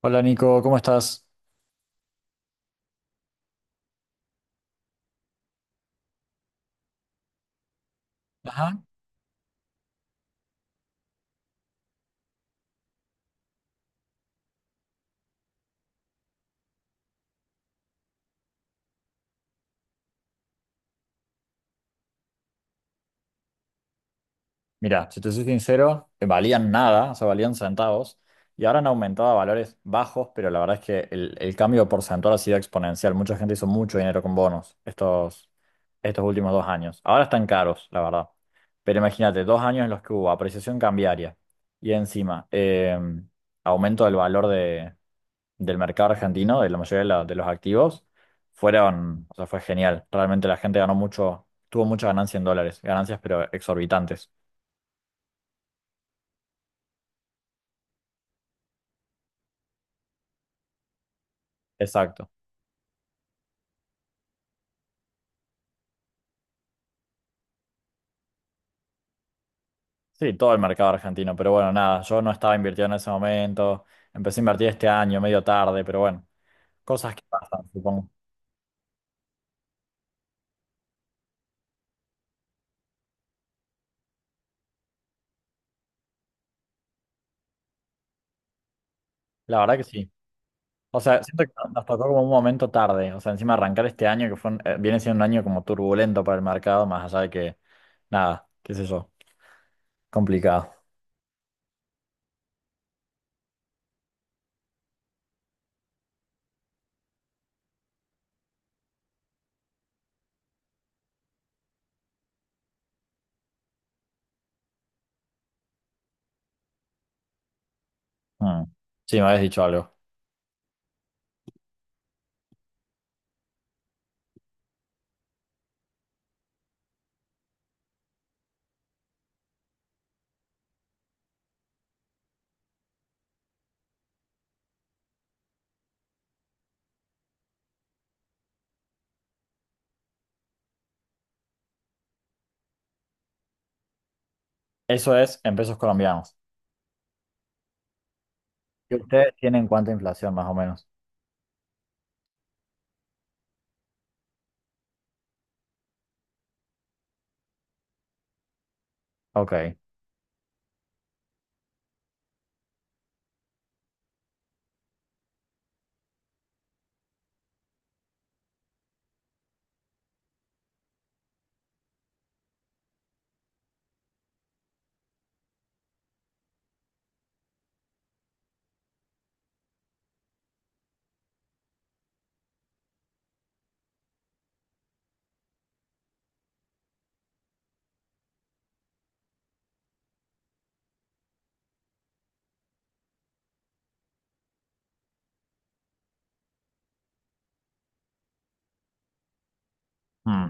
Hola Nico, ¿cómo estás? Ajá. Mira, si te soy sincero, valían nada, o sea, valían centavos, y ahora han aumentado a valores bajos, pero la verdad es que el cambio porcentual ha sido exponencial. Mucha gente hizo mucho dinero con bonos estos últimos dos años. Ahora están caros, la verdad. Pero imagínate, dos años en los que hubo apreciación cambiaria y encima aumento del mercado argentino, de la mayoría de, de los activos, fue genial. Realmente la gente ganó mucho, tuvo mucha ganancia en dólares, ganancias pero exorbitantes. Exacto. Sí, todo el mercado argentino, pero bueno, nada, yo no estaba invirtiendo en ese momento, empecé a invertir este año, medio tarde, pero bueno, cosas que pasan, supongo. La verdad que sí. O sea, siento que nos tocó como un momento tarde, o sea, encima arrancar este año que fue viene siendo un año como turbulento para el mercado, más allá de que, nada, qué sé yo, complicado. Mm. Sí, me habías dicho algo. Eso es en pesos colombianos. ¿Y ustedes tienen cuánta inflación más o menos? Ok. Mm.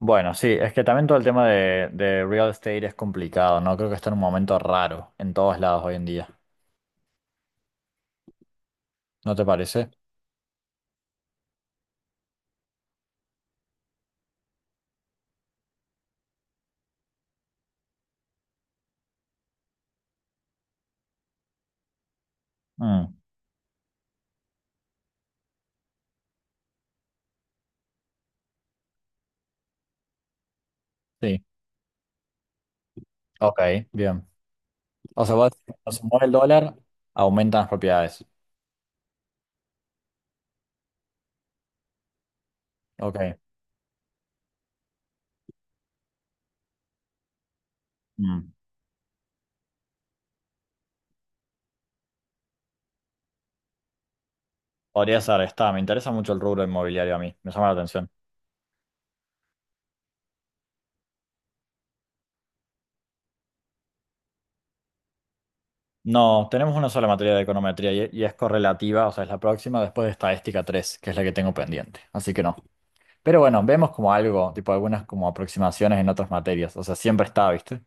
Bueno, sí, es que también todo el tema de real estate es complicado, ¿no? Creo que está en un momento raro en todos lados hoy en día. ¿No te parece? Mm, sí. Ok, bien. O sea, vos, cuando se mueve el dólar, aumentan las propiedades. Ok. Mm. Podría ser, está. Me interesa mucho el rubro inmobiliario a mí. Me llama la atención. No, tenemos una sola materia de econometría y es correlativa, o sea, es la próxima después de estadística 3, que es la que tengo pendiente. Así que no. Pero bueno, vemos como algo, tipo algunas como aproximaciones en otras materias, o sea, siempre está, ¿viste?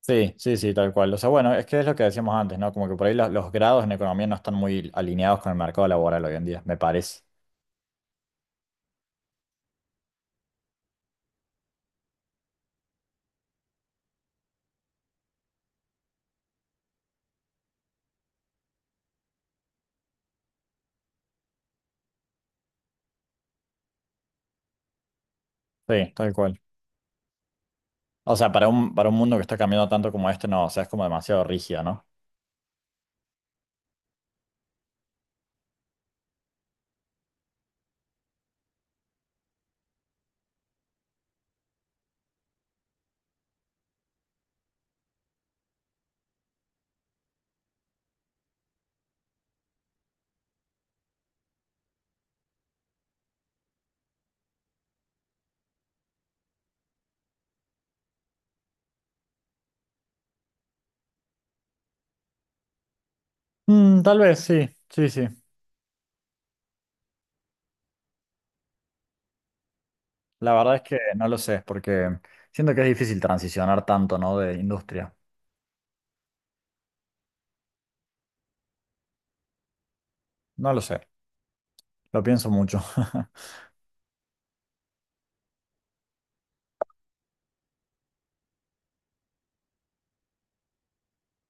Sí, sí, sí, tal cual. O sea, bueno, es que es lo que decíamos antes, ¿no? Como que por ahí los grados en economía no están muy alineados con el mercado laboral hoy en día, me parece. Sí, tal cual. O sea, para para un mundo que está cambiando tanto como este, no, o sea, es como demasiado rígida, ¿no? Mm, tal vez, sí, sí, sí. La verdad es que no lo sé, porque siento que es difícil transicionar tanto, ¿no? De industria. No lo sé, lo pienso mucho.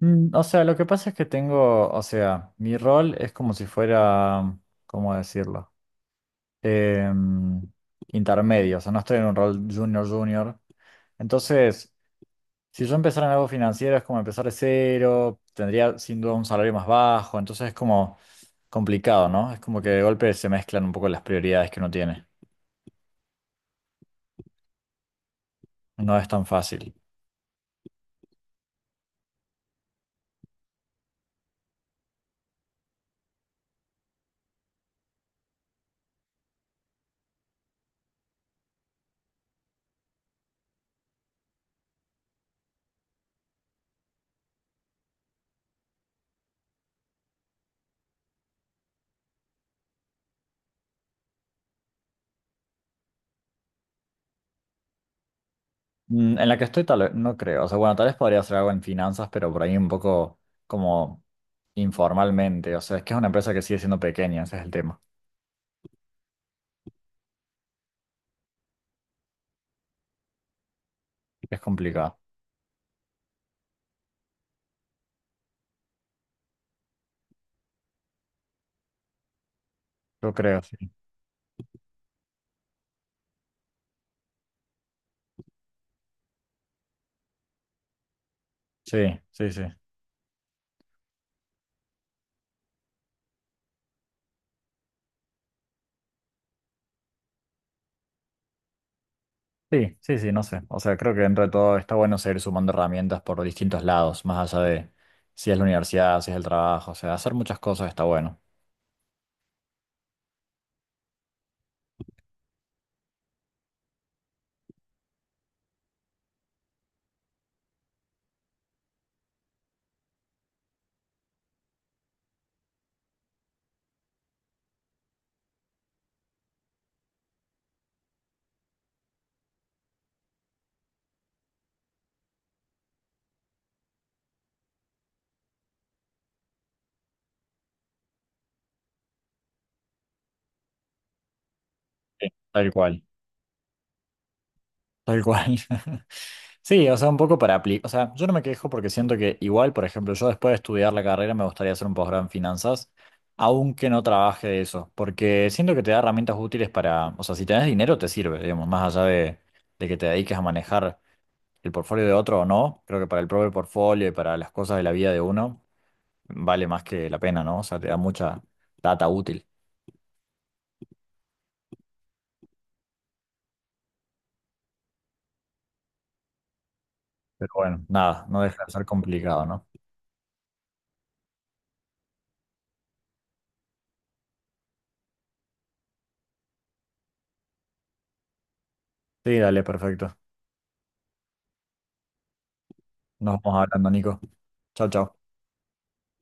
Mm, o sea, lo que pasa es que tengo, o sea, mi rol es como si fuera, ¿cómo decirlo? Em, intermedio, o sea, no estoy en un rol junior junior. Entonces, si yo empezara en algo financiero es como empezar de cero, tendría sin duda un salario más bajo, entonces es como complicado, ¿no? Es como que de golpe se mezclan un poco las prioridades que uno tiene. No es tan fácil. Mm, en la que estoy tal vez, no creo. O sea, bueno, tal vez podría hacer algo en finanzas, pero por ahí un poco como informalmente. O sea, es que es una empresa que sigue siendo pequeña, ese es el tema. Es complicado. Yo creo, sí. Sí, sí, sí. Sí, sí, sí, no sé. O sea, creo que dentro de todo está bueno seguir sumando herramientas por distintos lados, más allá de si es la universidad, si es el trabajo. O sea, hacer muchas cosas está bueno. Sí, tal cual, tal cual. Sí, o sea, un poco para aplicar. O sea, yo no me quejo porque siento que igual, por ejemplo, yo después de estudiar la carrera me gustaría hacer un posgrado en finanzas, aunque no trabaje de eso, porque siento que te da herramientas útiles para, o sea, si tenés dinero te sirve, digamos, más allá de que te dediques a manejar el portfolio de otro o no, creo que para el propio portfolio y para las cosas de la vida de uno, vale más que la pena, ¿no? O sea, te da mucha data útil. Pero bueno, nada, no deja de ser complicado, ¿no? Sí, dale, perfecto. Nos vamos hablando, Nico. Chao, chao.